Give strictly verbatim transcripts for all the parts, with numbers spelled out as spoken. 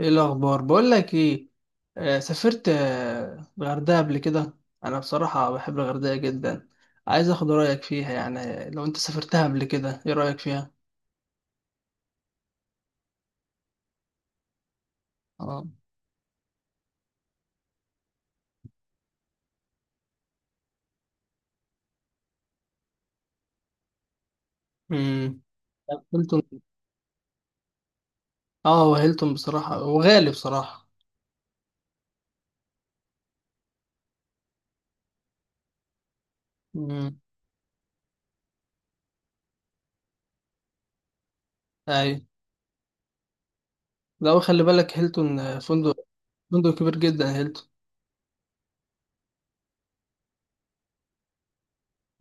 ايه الاخبار بقول لك ايه. آه، سافرت آه، الغردقه قبل كده. انا بصراحه بحب الغردقه جدا. عايز اخد رايك فيها، يعني لو انت سافرتها قبل كده، ايه رايك فيها؟ اه. امم هيلتون. اه، وهيلتون بصراحه، وغالي بصراحه. امم ايوه. لو خلي بالك هيلتون آه، فندق، فندق كبير جدا هيلتون.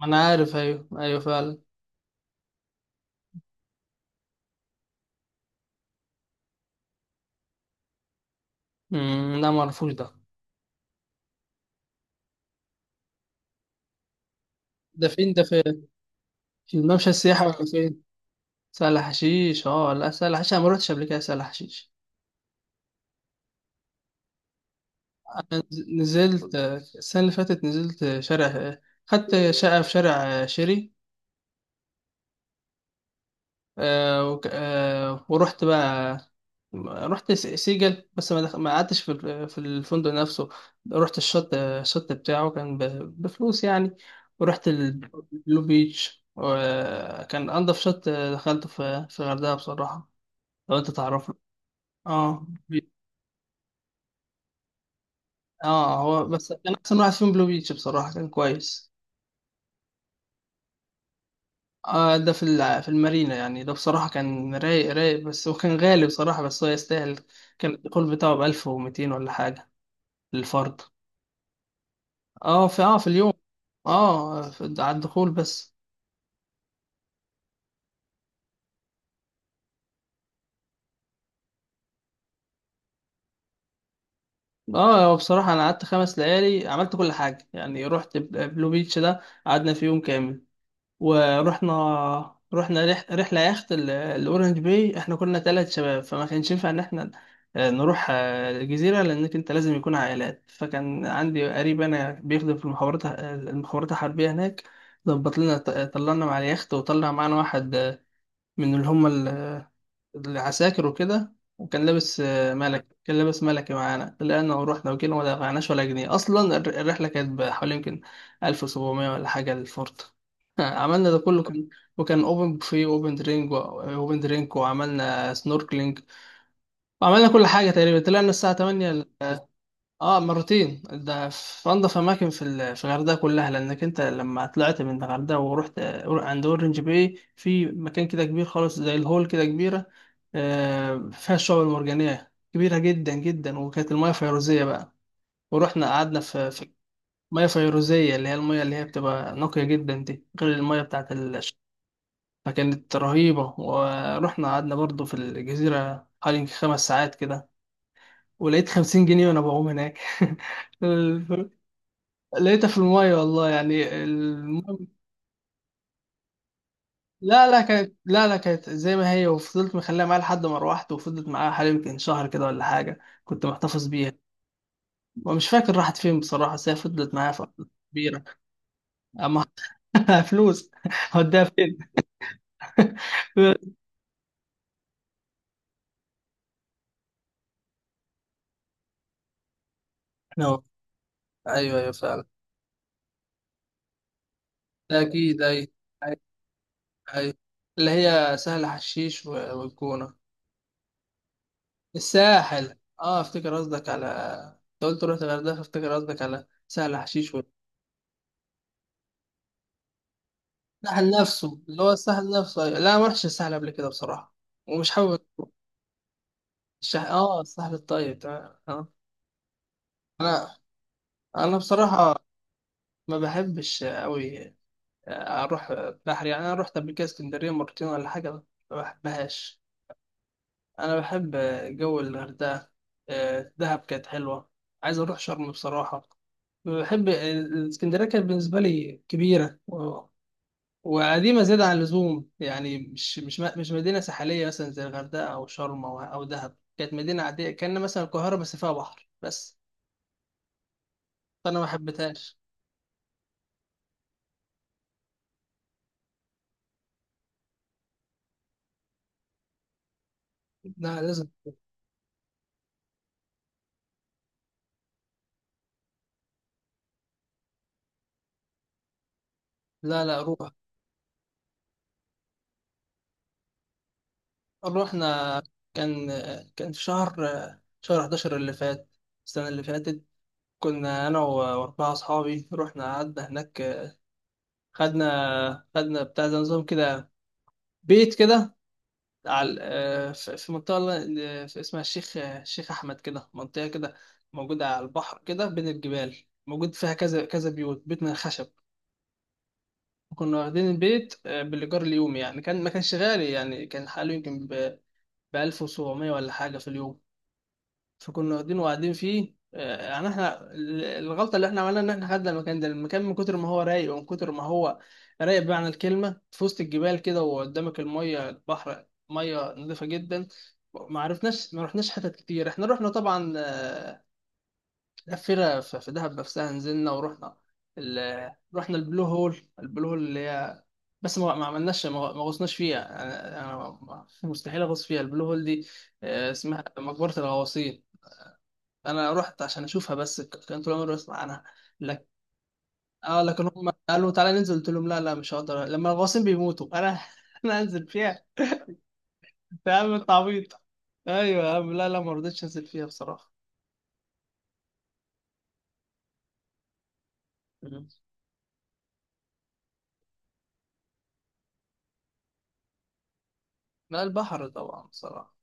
ما انا عارف، ايوه ايوه فعلا. امم لا، ما اعرفوش ده. ده فين؟ ده في، في الممشى السياحي ولا فين؟ سهل حشيش؟ اه لا، سهل حشيش انا ما رحتش قبل كده سهل حشيش. نزلت، السنة اللي فاتت نزلت شارع، خدت شقة في شارع شيري. آه، وك- آه، ورحت بقى. رحت س- سيجل، بس ما دخ... ما قعدتش في ال- في الفندق نفسه. رحت الشط، الشط بتاعه كان ب... بفلوس يعني. ورحت البلو بيتش، وكان انضف شط دخلته في في الغردقة بصراحة. لو انت تعرفه. اه بي- اه هو بس كان احسن واحد فيهم بلو بيتش، بصراحة كان كويس. آه، ده في ال- في المارينا يعني، ده بصراحة كان رايق رايق، بس هو كان غالي بصراحة، بس هو يستاهل. كان الدخول بتاعه بألف ومتين ولا حاجة، للفرد. اه، في، اه في اليوم. اه، في على الدخول بس. اه هو بصراحة أنا قعدت خمس ليالي، عملت كل حاجة يعني. رحت بل- بلو بيتش ده، قعدنا فيه يوم كامل. ورحنا، رحنا رح... رحلة يخت ال- الأورنج باي. احنا كنا ثلاث شباب، فما كانش ينفع إن احنا آه، نروح آه، الجزيرة، لأنك أنت لازم يكون عائلات. فكان عندي قريب أنا بيخدم في المخابرات آه، المخابرات الحربية هناك، ظبط لنا. ط- طلعنا مع اليخت، وطلع معانا واحد آه، من اللي هم العساكر وكده، وكان لابس آه، ملك كان لابس ملكي معانا، طلعنا ورحنا وكده، وما دفعناش ولا جنيه اصلا. الر- الرحله كانت بحوالي يمكن ألف وسبعمية ولا حاجه للفورت. عملنا ده كله، كان وكان اوبن بوفيه واوبن درينك واوبن درينك، وعملنا سنوركلينج، وعملنا كل حاجه تقريبا. طلعنا الساعه ثمانية. اه، مرتين. ده في انضف اماكن في ال- في الغردقه كلها، لانك انت لما طلعت من الغردقه ورحت عند اورنج باي، في مكان كده كبير خالص، زي الهول كده كبيره، آه، فيها الشعاب المرجانيه كبيره جدا جدا، وكانت المياه فيروزيه بقى. ورحنا قعدنا في في مياه فيروزيه، اللي هي المياه اللي هي بتبقى نقيه جدا دي، غير المياه بتاعت ال... فكانت رهيبه. ورحنا قعدنا برضو في الجزيره حوالي خمس ساعات كده، ولقيت خمسين جنيه وانا بعوم هناك. لقيتها في المية، والله يعني، المهم، لا لا كانت، لا لا كانت زي ما هي. وفضلت مخليها معايا لحد ما روحت، وفضلت معايا حوالي يمكن شهر كده ولا حاجة، كنت محتفظ بيها. ومش فاكر راحت فين بصراحة، بس هي فضلت معايا فترة كبيرة. أما فلوس، هوديها فين؟ نو، أيوه أيوه فعلا. ده أكيد، أيوه أيوه أيوه. اللي هي سهل حشيش و- والجونة، الساحل، أه أفتكر قصدك على، أنت قلت رحت الغردقة، فأفتكر قصدك على سهل حشيش، سهل نفسه، اللي هو سهل نفسه، أيوة. لا ما رحتش السهل قبل كده بصراحة، ومش حابب. الشح... اه السهل الطيب، تمام، اه. انا انا بصراحة ما بحبش قوي اروح بحر يعني. انا رحت قبل كده اسكندرية مرتين ولا حاجة، ما بحبهاش. انا بحب جو الغردقة. آه، دهب كانت حلوة. عايز اروح شرم بصراحة. بحب الاسكندرية، كانت بالنسبة لي كبيرة وقديمة زيادة عن اللزوم يعني، مش مش مش مدينة ساحلية مثلا زي الغردقة أو شرم أو أو دهب. كانت مدينة عادية، كأن مثلا القاهرة بس فيها بحر بس، فأنا ما حبيتهاش. لا لازم، لا لا روح. روحنا، كان كان في شهر، شهر أحد عشر اللي فات، السنة اللي فاتت. كنا أنا و- وأربعة أصحابي. رحنا قعدنا هناك، خدنا خدنا بتاع زي نظام كده، بيت كده، على، آه، في في منطقة ل- آه، اسمها الشيخ آه، الشيخ أحمد كده، منطقة كده، موجودة على البحر كده بين الجبال. موجود فيها كذا كذا بيوت، بيت من الخشب. كنا واخدين البيت آه، بالإيجار اليومي يعني. كان ما كانش غالي يعني، كان حاله يمكن ب ألف وسبعمية ولا حاجة في اليوم. فكنا واخدينه وقاعدين فيه. آه، يعني احنا، ال- الغلطه اللي احنا عملناها، ان احنا خدنا المكان ده، المكان من كتر ما هو رايق، ومن كتر ما هو رايق بمعنى الكلمه، في وسط الجبال كده، وقدامك الميه، البحر ميه نظيفه جدا، ما عرفناش، ما رحناش حتت كتير. احنا رحنا طبعا، آه، لفينا في في دهب نفسها، نزلنا ورحنا ال- رحنا البلو هول، البلو هول اللي هي، بس ما ما عملناش، ما ما غوصناش فيها. انا أنا مستحيل اغوص فيها البلو هول دي، آه، اسمها مقبره الغواصين. انا رحت عشان اشوفها بس، ك- كان طول عمري بسمع عنها. لك، اه لكن هم قالوا تعالى ننزل، قلت لهم لا لا، مش هقدر، لما الغواصين بيموتوا انا انا انزل فيها؟ يا عم انت عبيط، ايوه يا عم. لا لا، ما رضيتش انزل فيها بصراحه. مم. لا، البحر طبعا بصراحه.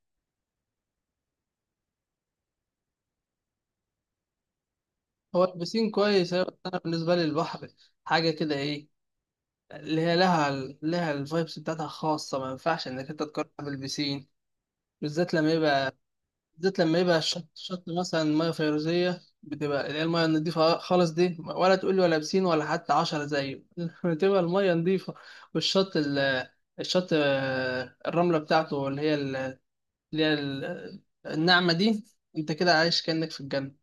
هو البسين كويس أيوة، بس انا بالنسبه لي البحر حاجه كده، ايه، اللي هي لها لها الفايبس بتاعتها خاصه، ما ينفعش انك انت تقارنها بالبسين. بالذات لما يبقى بالذات لما يبقى الشط، شط مثلا ميه فيروزيه بتبقى، اللي هي الميه النضيفه خالص دي، ولا تقول لي ولا بسين ولا حتى عشرة زيه، بتبقى الميه نضيفه، والشط ال... الشط، آه، الرمله بتاعته، اللي هي ال... اللي هي ال... الناعمه دي، انت كده عايش كأنك في الجنه.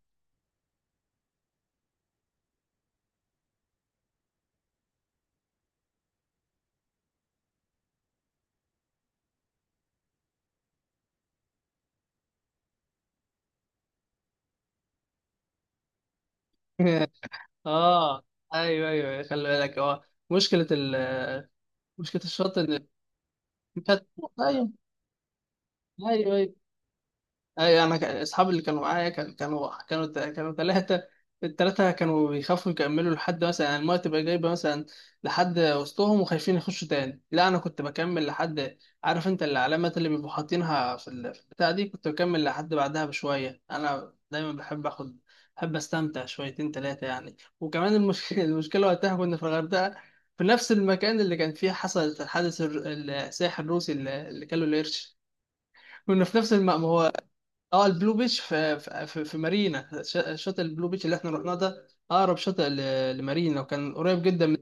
اه، ايوه ايوه خلي بالك، اه. مشكله ال... مشكله الشط ان، ايوه ايوه أيوه. اي، انا كان- اصحابي اللي كانوا معايا، كان- كانوا كانوا تا- كانوا ثلاثه، الثلاثه كانوا بيخافوا يكملوا لحد مثلا يعني، المايه تبقى جايبه مثلا لحد وسطهم، وخايفين يخشوا تاني. لا انا كنت بكمل لحد، عارف انت العلامات اللي بيبقوا حاطينها في ال- في البتاع دي، كنت بكمل لحد بعدها بشويه. انا دايما بحب اخد، بحب استمتع شويتين ثلاثه يعني. وكمان المشكله، المشكله وقتها كنا في الغردقه، في نفس المكان اللي كان فيه حصل الحادث، الر- السائح الروسي اللي اللي كان له القرش. كنا في نفس المأمورية. اه البلو بيتش في في, في في مارينا، ش- شاطئ البلو بيتش اللي احنا رحناه ده، اقرب شاطئ ل- لمارينا، وكان قريب جدا من.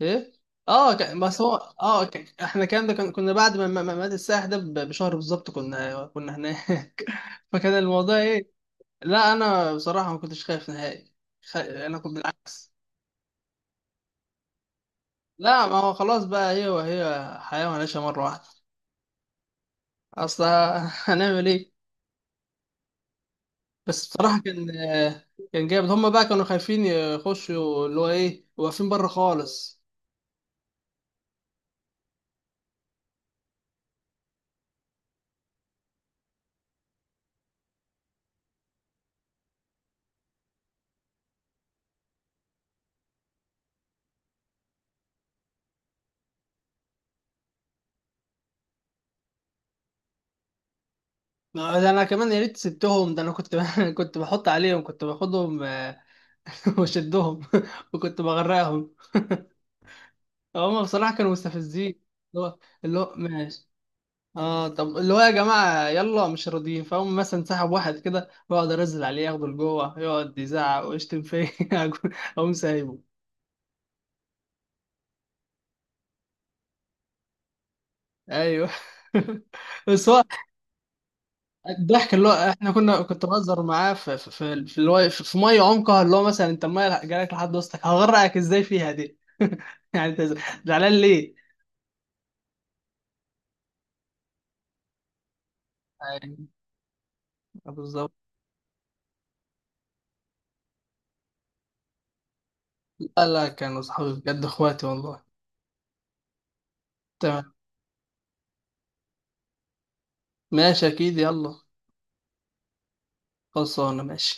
ايه؟ اه كان، بس هو اه كان، احنا الكلام ده كان، كنا بعد ما ما- ما مات السائح ده ب- بشهر بالظبط، كنا كنا هناك. فكان الموضوع ايه؟ لا انا بصراحه ما كنتش خايف نهائي، خ... انا كنت بالعكس. لا، ما هو خلاص بقى، هي وهي، حياه وهنعيشها مره واحده. اصل هنعمل ايه؟ بس بصراحة كان، كان جامد. هما بقى كانوا خايفين يخشوا، اللي هو ايه، واقفين بره خالص. ده انا كمان يا ريت سبتهم، ده انا كنت كنت بحط عليهم، كنت باخدهم آه، واشدهم، وكنت بغرقهم. هما بصراحة كانوا مستفزين. اللي هو اللي هو ماشي. اه طب اللي هو، يا جماعة يلا، مش راضيين، فهم مثلا سحب واحد كده، واقعد انزل عليه ياخده لجوه، يقعد يزعق ويشتم فيا، اقوم سايبه. ايوه. بس هو الضحك، اللي هو احنا كنا، كنت بهزر معاه في في في في اللي هو في في ميه عمقها اللي هو مثلا، انت الميه جالك لحد وسطك، هغرقك ازاي فيها دي؟ يعني انت زعلان ليه؟ يعني بالظبط. لا لا، كانوا صحابي بجد، اخواتي والله. تمام، ماشي اكيد يلا. خلصانه ماشي.